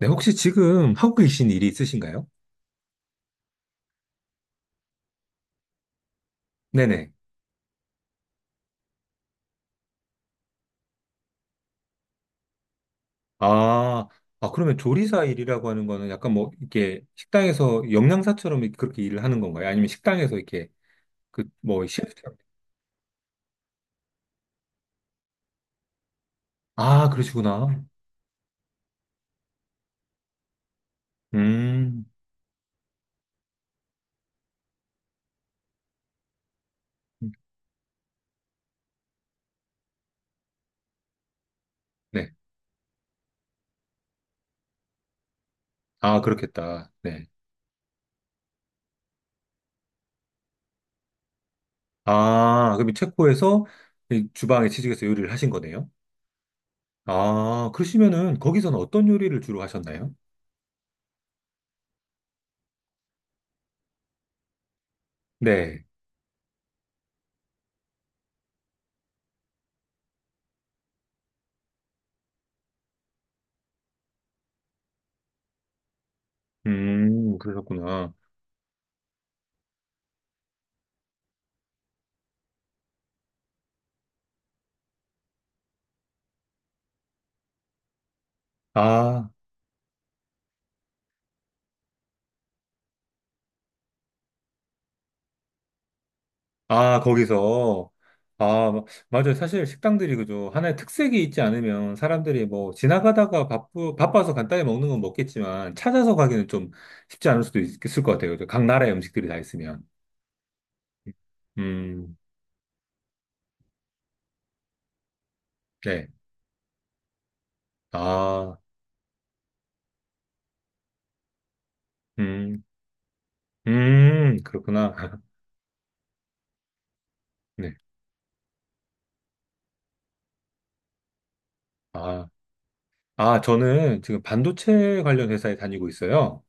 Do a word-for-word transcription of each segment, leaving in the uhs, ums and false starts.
네, 혹시 지금 하고 계신 일이 있으신가요? 네네. 아, 아, 그러면 조리사 일이라고 하는 거는 약간 뭐, 이렇게 식당에서 영양사처럼 이렇게 그렇게 일을 하는 건가요? 아니면 식당에서 이렇게, 그, 뭐, 셰프처럼? 아, 그러시구나. 음, 네. 아, 그렇겠다. 네. 아, 그럼 이 체코에서 이 주방에 취직해서 요리를 하신 거네요? 아, 그러시면은 거기서는 어떤 요리를 주로 하셨나요? 네. 음, 그러셨구나. 아. 아, 거기서. 아, 마- 맞아요. 사실 식당들이 그죠. 하나의 특색이 있지 않으면 사람들이 뭐 지나가다가 바쁘, 바빠서 간단히 먹는 건 먹겠지만 찾아서 가기는 좀 쉽지 않을 수도 있- 있을 것 같아요. 그죠? 각 나라의 음식들이 다 있으면. 음, 네. 아, 음, 음, 그렇구나. 네. 아, 아, 저는 지금 반도체 관련 회사에 다니고 있어요.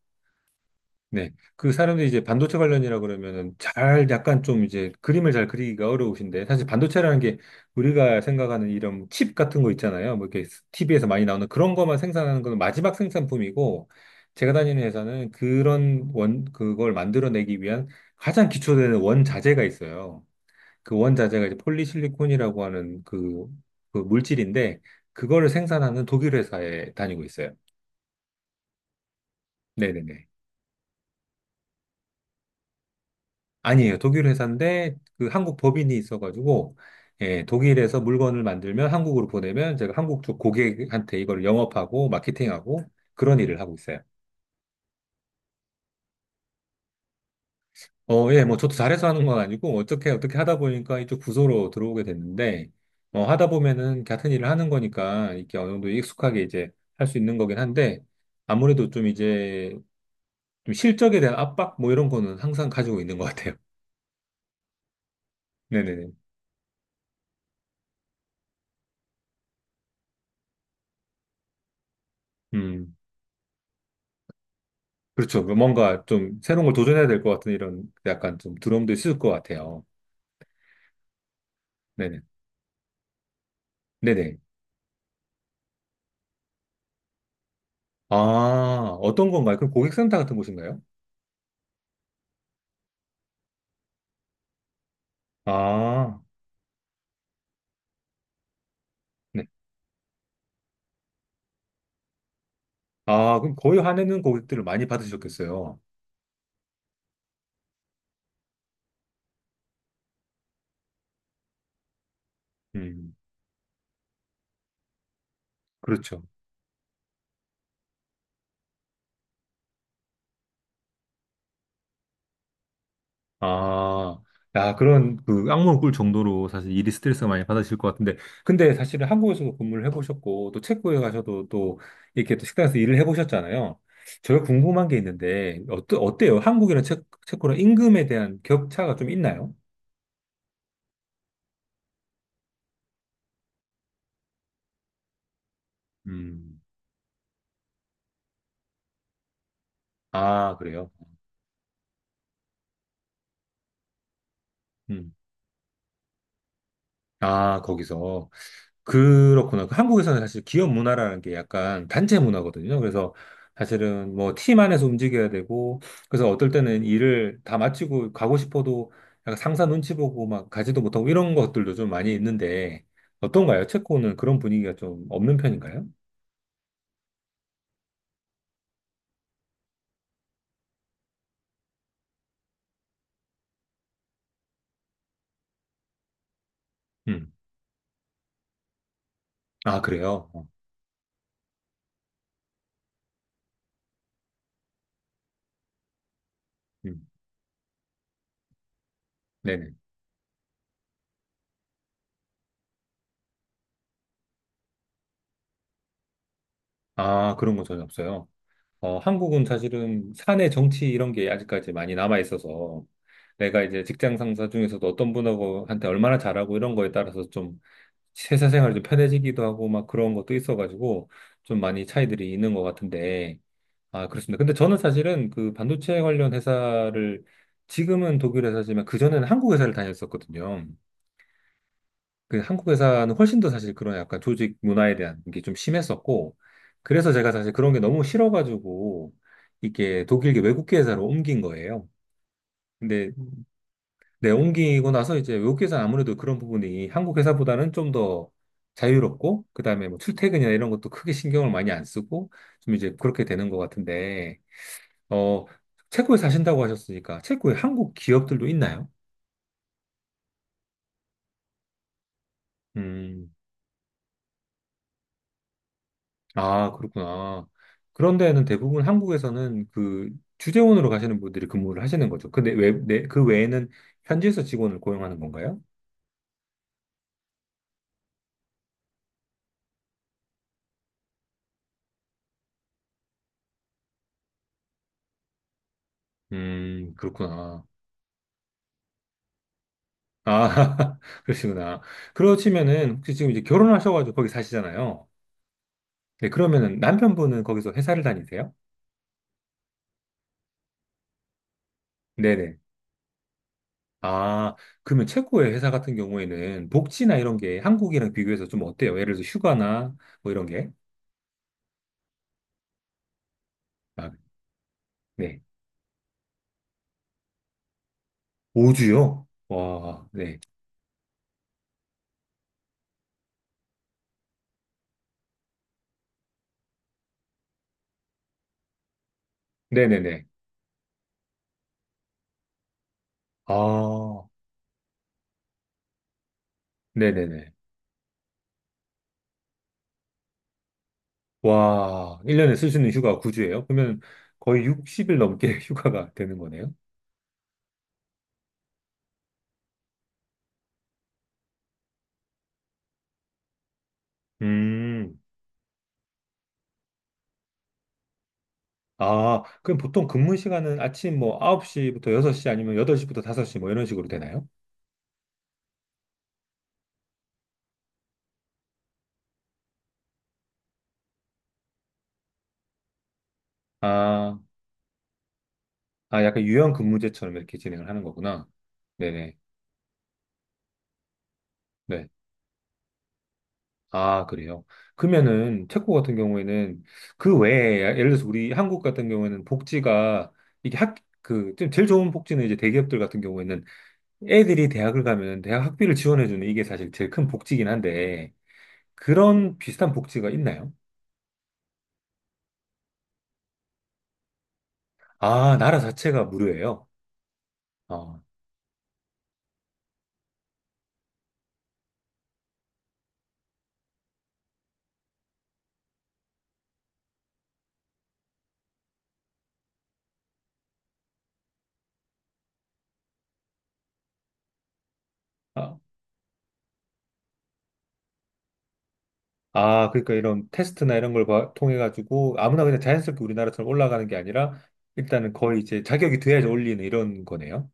네. 그 사람들이 이제 반도체 관련이라 그러면은 잘 약간 좀 이제 그림을 잘 그리기가 어려우신데 사실 반도체라는 게 우리가 생각하는 이런 칩 같은 거 있잖아요. 뭐 이렇게 티비에서 많이 나오는 그런 것만 생산하는 건 마지막 생산품이고 제가 다니는 회사는 그런 원, 그걸 만들어내기 위한 가장 기초되는 원자재가 있어요. 그 원자재가 이제 폴리실리콘이라고 하는 그, 그 물질인데 그거를 생산하는 독일 회사에 다니고 있어요. 네네네. 아니에요. 독일 회사인데 그 한국 법인이 있어가지고 예, 독일에서 물건을 만들면 한국으로 보내면 제가 한국 쪽 고객한테 이걸 영업하고 마케팅하고 그런 일을 하고 있어요. 어, 예, 뭐 저도 잘해서 하는 건 아니고 어떻게 어떻게 하다 보니까 이쪽 부서로 들어오게 됐는데 어, 하다 보면은 같은 일을 하는 거니까 이렇게 어느 정도 익숙하게 이제 할 수 있는 거긴 한데 아무래도 좀 이제 좀 실적에 대한 압박 뭐 이런 거는 항상 가지고 있는 것 같아요. 네네네. 음. 그렇죠. 그 뭔가 좀 새로운 걸 도전해야 될 것 같은 이런 약간 좀 두려움도 있을 것 같아요. 네네. 네네. 아, 어떤 건가요? 그럼 고객센터 같은 곳인가요? 아, 네. 아, 그럼 거의 화내는 고객들을 많이 받으셨겠어요. 음, 그렇죠. 아, 야, 그런 그 악몽을 꿀 정도로 사실 일이 스트레스 많이 받으실 것 같은데. 근데 사실은 한국에서도 근무를 해보셨고, 또 체코에 가셔도 또 이렇게 또 식당에서 일을 해보셨잖아요. 제가 궁금한 게 있는데, 어떠, 어때요? 한국이랑 체, 체코랑 임금에 대한 격차가 좀 있나요? 음, 아, 그래요? 아, 거기서. 그렇구나. 그 한국에서는 사실 기업 문화라는 게 약간 단체 문화거든요. 그래서 사실은 뭐 팀 안에서 움직여야 되고, 그래서 어떨 때는 일을 다 마치고 가고 싶어도 약간 상사 눈치 보고 막 가지도 못하고 이런 것들도 좀 많이 있는데, 어떤가요? 체코는 그런 분위기가 좀 없는 편인가요? 음. 아, 그래요? 어, 음. 네네. 아, 그런 거 전혀 없어요. 어, 한국은 사실은 사내 정치 이런 게 아직까지 많이 남아 있어서 내가 이제 직장 상사 중에서도 어떤 분하고 한테 얼마나 잘하고 이런 거에 따라서 좀 회사 생활이 좀 편해지기도 하고 막 그런 것도 있어가지고 좀 많이 차이들이 있는 것 같은데 아, 그렇습니다. 근데 저는 사실은 그 반도체 관련 회사를 지금은 독일 회사지만 그전에는 한국 회사를 다녔었거든요. 그 한국 회사는 훨씬 더 사실 그런 약간 조직 문화에 대한 게 좀 심했었고, 그래서 제가 사실 그런 게 너무 싫어가지고, 이게 독일계 외국계 회사로 옮긴 거예요. 근데 내 옮기고 나서 이제 외국계 회사는 아무래도 그런 부분이 한국 회사보다는 좀 더 자유롭고, 그 다음에 뭐 출퇴근이나 이런 것도 크게 신경을 많이 안 쓰고, 좀 이제 그렇게 되는 것 같은데, 어, 체코에 사신다고 하셨으니까, 체코에 한국 기업들도 있나요? 음, 아, 그렇구나. 그런 데는 대부분 한국에서는 그 주재원으로 가시는 분들이 근무를 하시는 거죠. 근데 외, 내, 그 외에는 현지에서 직원을 고용하는 건가요? 음, 그렇구나. 아, 그러시구나. 그러시면은 혹시 지금 이제 결혼하셔가지고 거기 사시잖아요. 네, 그러면은 남편분은 거기서 회사를 다니세요? 네네. 아, 그러면 체코의 회사 같은 경우에는 복지나 이런 게 한국이랑 비교해서 좀 어때요? 예를 들어서 휴가나 뭐 이런 게? 아, 네. 오 주요? 와, 네. 네네네. 아, 네네네. 와, 일 년에 쓸 수 있는 휴가가 구 주예요? 그러면 거의 육십 일 넘게 휴가가 되는 거네요? 음, 아, 그럼 보통 근무 시간은 아침 뭐 아홉 시부터 여섯 시 아니면 여덟 시부터 다섯 시 뭐 이런 식으로 되나요? 아, 아, 약간 유연 근무제처럼 이렇게 진행을 하는 거구나. 네네. 네. 아, 그래요. 그러면은 체코 같은 경우에는 그 외에 예를 들어서 우리 한국 같은 경우에는 복지가 이게 학, 그, 좀 제일 좋은 복지는 이제 대기업들 같은 경우에는 애들이 대학을 가면 대학 학비를 지원해주는 이게 사실 제일 큰 복지긴 한데, 그런 비슷한 복지가 있나요? 아, 나라 자체가 무료예요. 어. 아, 아, 그러니까 이런 테스트나 이런 걸 봐- 통해가지고 아무나 그냥 자연스럽게 우리나라처럼 올라가는 게 아니라 일단은 거의 이제 자격이 돼야지 올리는 이런 거네요.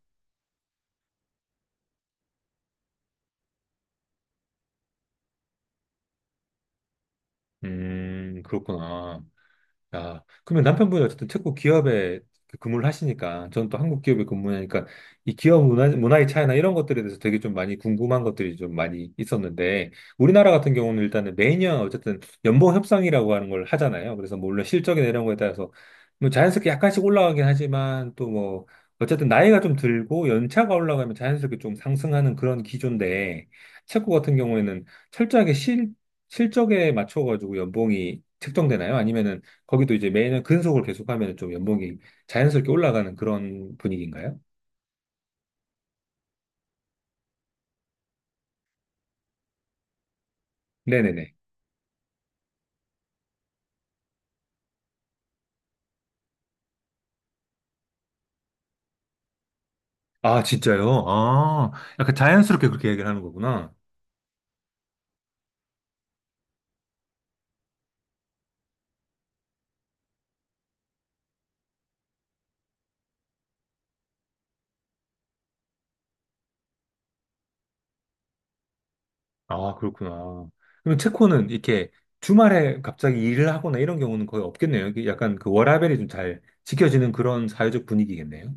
음, 그렇구나. 아, 그러면 남편분이 어쨌든 체코 기업에 그 근무를 하시니까, 저는 또 한국 기업에 근무하니까, 이 기업 문화, 문화의 차이나 이런 것들에 대해서 되게 좀 많이 궁금한 것들이 좀 많이 있었는데, 우리나라 같은 경우는 일단은 매년 어쨌든 연봉 협상이라고 하는 걸 하잖아요. 그래서 뭐 물론 실적이나 이런 거에 따라서 뭐 자연스럽게 약간씩 올라가긴 하지만, 또 뭐, 어쨌든 나이가 좀 들고 연차가 올라가면 자연스럽게 좀 상승하는 그런 기조인데, 체코 같은 경우에는 철저하게 실, 실적에 맞춰가지고 연봉이 책정되나요? 아니면은 거기도 이제 매년 근속을 계속하면 좀 연봉이 자연스럽게 올라가는 그런 분위기인가요? 네네네. 아, 진짜요? 아, 약간 자연스럽게 그렇게 얘기를 하는 거구나. 아, 그렇구나. 그럼 체코는 이렇게 주말에 갑자기 일을 하거나 이런 경우는 거의 없겠네요. 이게 약간 그 워라밸이 좀 잘 지켜지는 그런 사회적 분위기겠네요.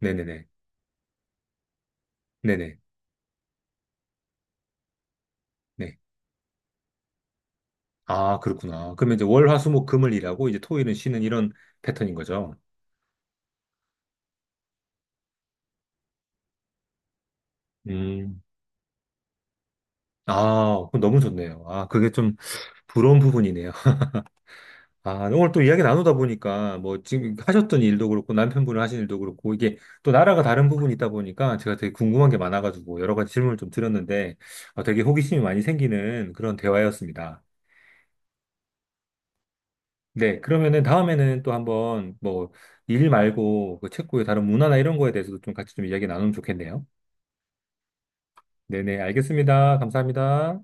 네네네. 네네. 네. 아, 그렇구나. 그러면 이제 월, 화, 수, 목, 금을 일하고 이제 토일은 쉬는 이런 패턴인 거죠. 음. 아, 그럼 너무 좋네요. 아, 그게 좀 부러운 부분이네요. 아, 오늘 또 이야기 나누다 보니까 뭐 지금 하셨던 일도 그렇고 남편분이 하신 일도 그렇고 이게 또 나라가 다른 부분이 있다 보니까 제가 되게 궁금한 게 많아가지고 여러 가지 질문을 좀 드렸는데 어, 되게 호기심이 많이 생기는 그런 대화였습니다. 네, 그러면은 다음에는 또 한번 뭐 일 말고 그 체코의 다른 문화나 이런 거에 대해서도 좀 같이 좀 이야기 나누면 좋겠네요. 네네, 알겠습니다. 감사합니다.